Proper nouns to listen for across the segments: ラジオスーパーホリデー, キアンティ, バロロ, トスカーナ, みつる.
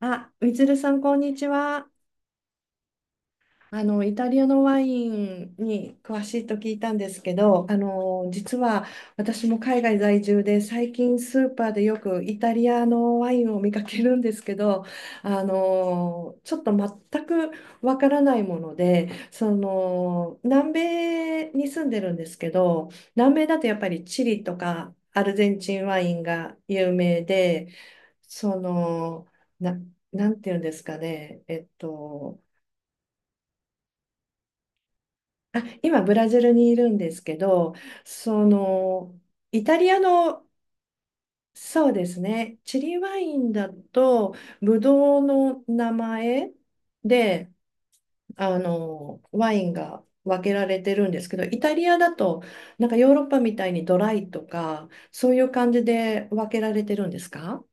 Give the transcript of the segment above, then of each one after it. あ、みつるさん、こんにちは。イタリアのワインに詳しいと聞いたんですけど、実は私も海外在住で、最近スーパーでよくイタリアのワインを見かけるんですけど、ちょっと全くわからないもので、南米に住んでるんですけど、南米だとやっぱりチリとかアルゼンチンワインが有名で、その、な、なんていうんですかね、えっと、あ、今ブラジルにいるんですけど、その、イタリアの、そうですね、チリワインだと、ブドウの名前で、ワインが分けられてるんですけど、イタリアだと、なんかヨーロッパみたいにドライとか、そういう感じで分けられてるんですか？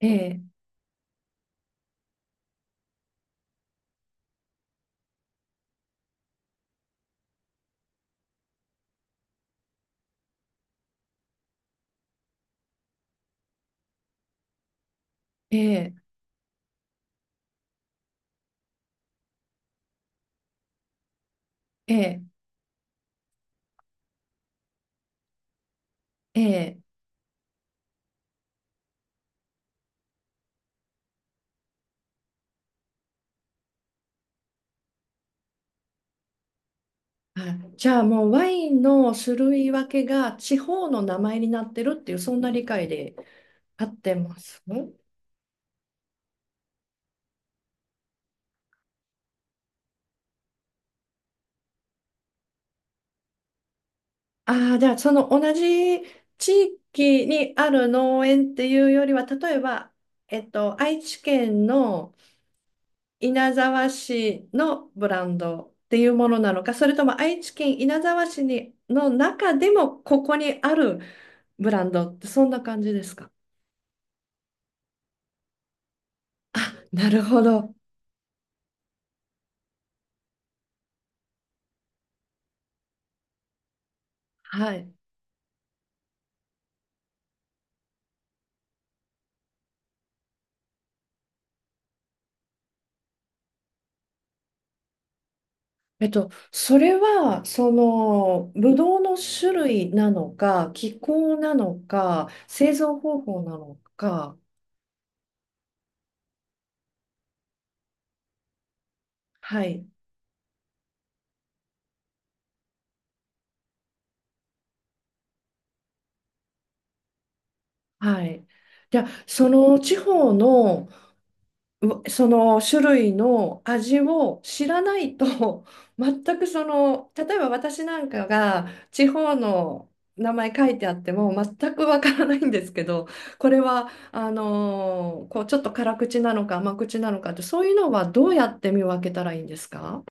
ええ、ええ、ええ、ええ。はい。じゃあ、もうワインの種類分けが地方の名前になってるっていう、そんな理解で合ってます？ああー、じゃあその同じ地域にある農園っていうよりは、例えば、愛知県の稲沢市のブランドっていうものなのか、それとも愛知県稲沢市にの中でもここにあるブランドって、そんな感じですか？なるほど。はい。それは、その、ぶどうの種類なのか、気候なのか、製造方法なのか、はい、はい。じゃあ、その地方のうその種類の味を知らないと 全くその、例えば私なんかが地方の名前書いてあっても全くわからないんですけど、これはこうちょっと辛口なのか甘口なのかって、そういうのはどうやって見分けたらいいんですか？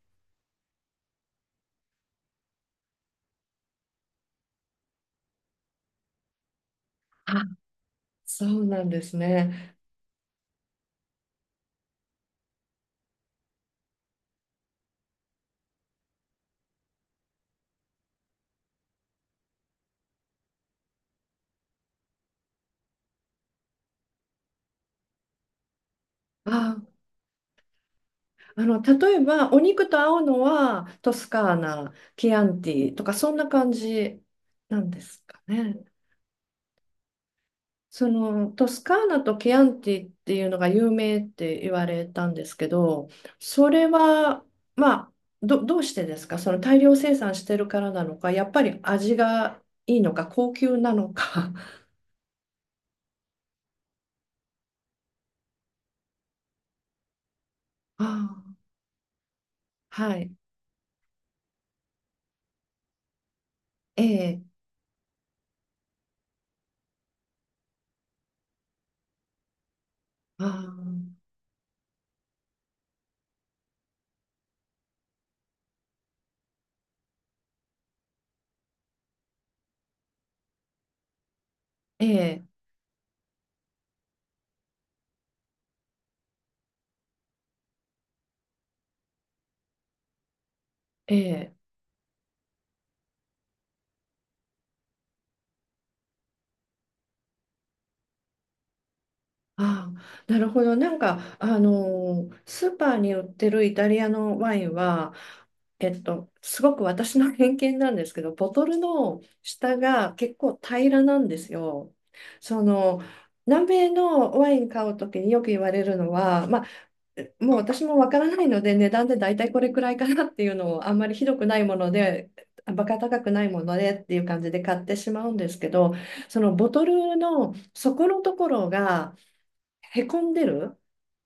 あ、そうなんですね。あ、例えばお肉と合うのはトスカーナ、キアンティとか、そんな感じなんですかね。そのトスカーナとケアンティっていうのが有名って言われたんですけど、それは、まあ、どうしてですか？その大量生産してるからなのか、やっぱり味がいいのか、高級なのか。ああ、はい。ええ、ああ、ええ、ええ。ああ、なるほど。なんか、スーパーに売ってるイタリアのワインは、すごく私の偏見なんですけど、ボトルの下が結構平らなんですよ。その、南米のワイン買うときによく言われるのは、まあ、もう私もわからないので、値段で大体これくらいかなっていうのを、あんまりひどくないもので、バカ高くないものでっていう感じで買ってしまうんですけど、そのボトルの底のところが、へこんでるっ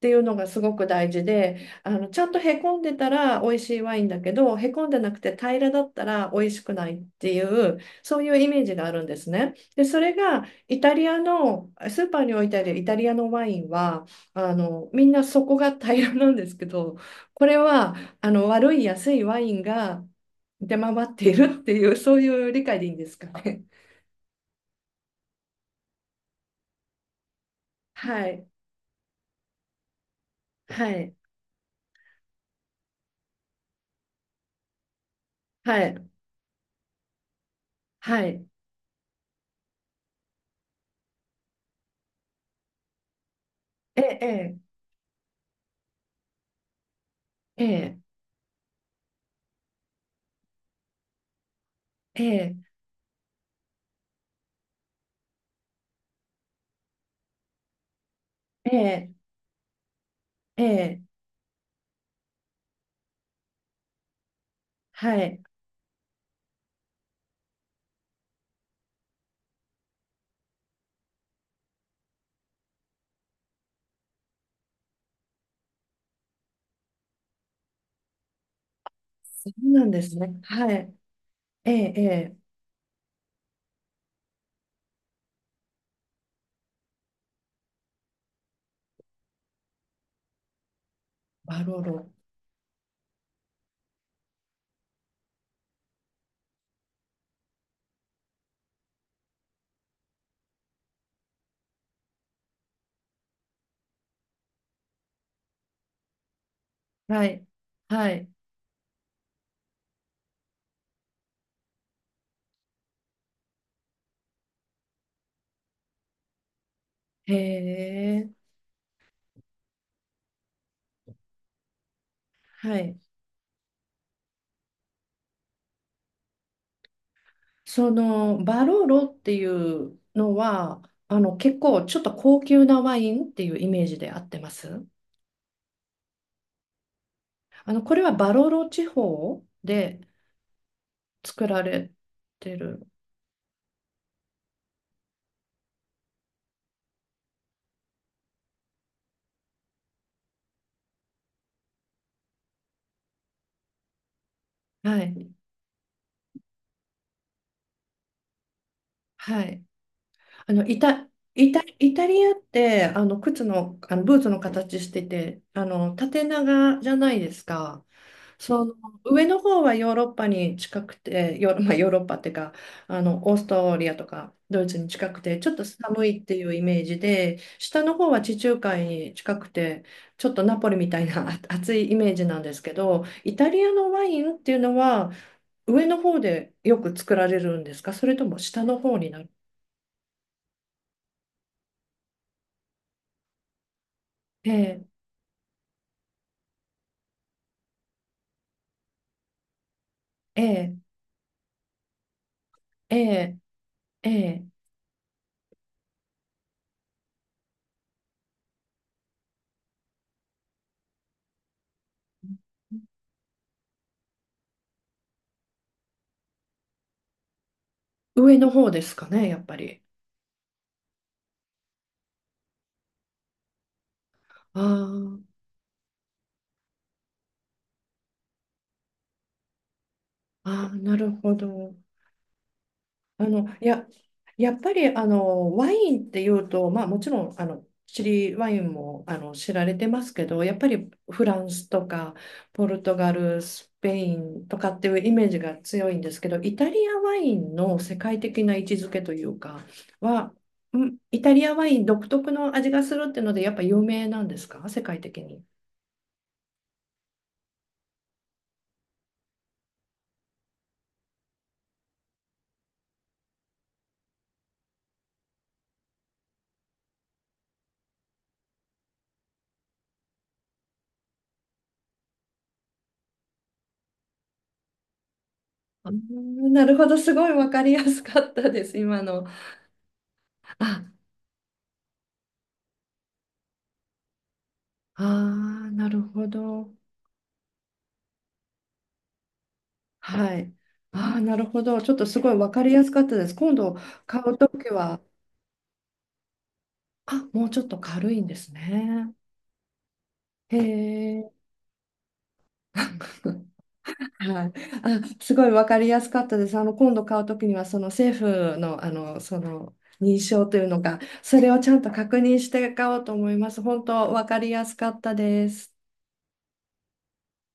ていうのがすごく大事で、ちゃんとへこんでたら美味しいワインだけど、へこんでなくて平らだったら美味しくないっていう、そういうイメージがあるんですね。で、それがイタリアの、スーパーに置いてあるイタリアのワインは、みんなそこが平らなんですけど、これは、悪い安いワインが出回っているっていう、そういう理解でいいんですかね。はい、はい、はい、はい。ええ、ええ。ええええ、ええ、ええ、はい。そうなんですね。はい。ええ、ええ、バロロ。はい。はい。へえ、はい。バロロっていうのは、結構ちょっと高級なワインっていうイメージで合ってます？これはバロロ地方で作られてる。はい。はい。あの、イタ、イタリアって、靴の、ブーツの形してて、縦長じゃないですか。その、上の方はヨーロッパに近くて、ヨーロ、まあ、ヨーロッパっていうか、オーストリアとかドイツに近くて、ちょっと寒いっていうイメージで、下の方は地中海に近くて、ちょっとナポリみたいなあ 暑いイメージなんですけど、イタリアのワインっていうのは、上の方でよく作られるんですか？それとも下の方になる？ええええええ、ええ、上の方ですかね、やっぱり。あーあー、あ、なるほど。いや、やっぱり、ワインっていうと、まあ、もちろん、チリワインも、知られてますけど、やっぱりフランスとか、ポルトガル、スペインとかっていうイメージが強いんですけど、イタリアワインの世界的な位置づけというか、は、イタリアワイン独特の味がするっていうので、やっぱ有名なんですか、世界的に。あー、なるほど、すごいわかりやすかったです、今の。あ、あー、なるほど。はい。ああ、なるほど。ちょっとすごいわかりやすかったです。今度買うときは、あ、もうちょっと軽いんですね。へえ。はい、あ、すごいわかりやすかったです。今度買うときにはその政府の、その認証というのか、それをちゃんと確認して買おうと思います。本当わかりやすかったです。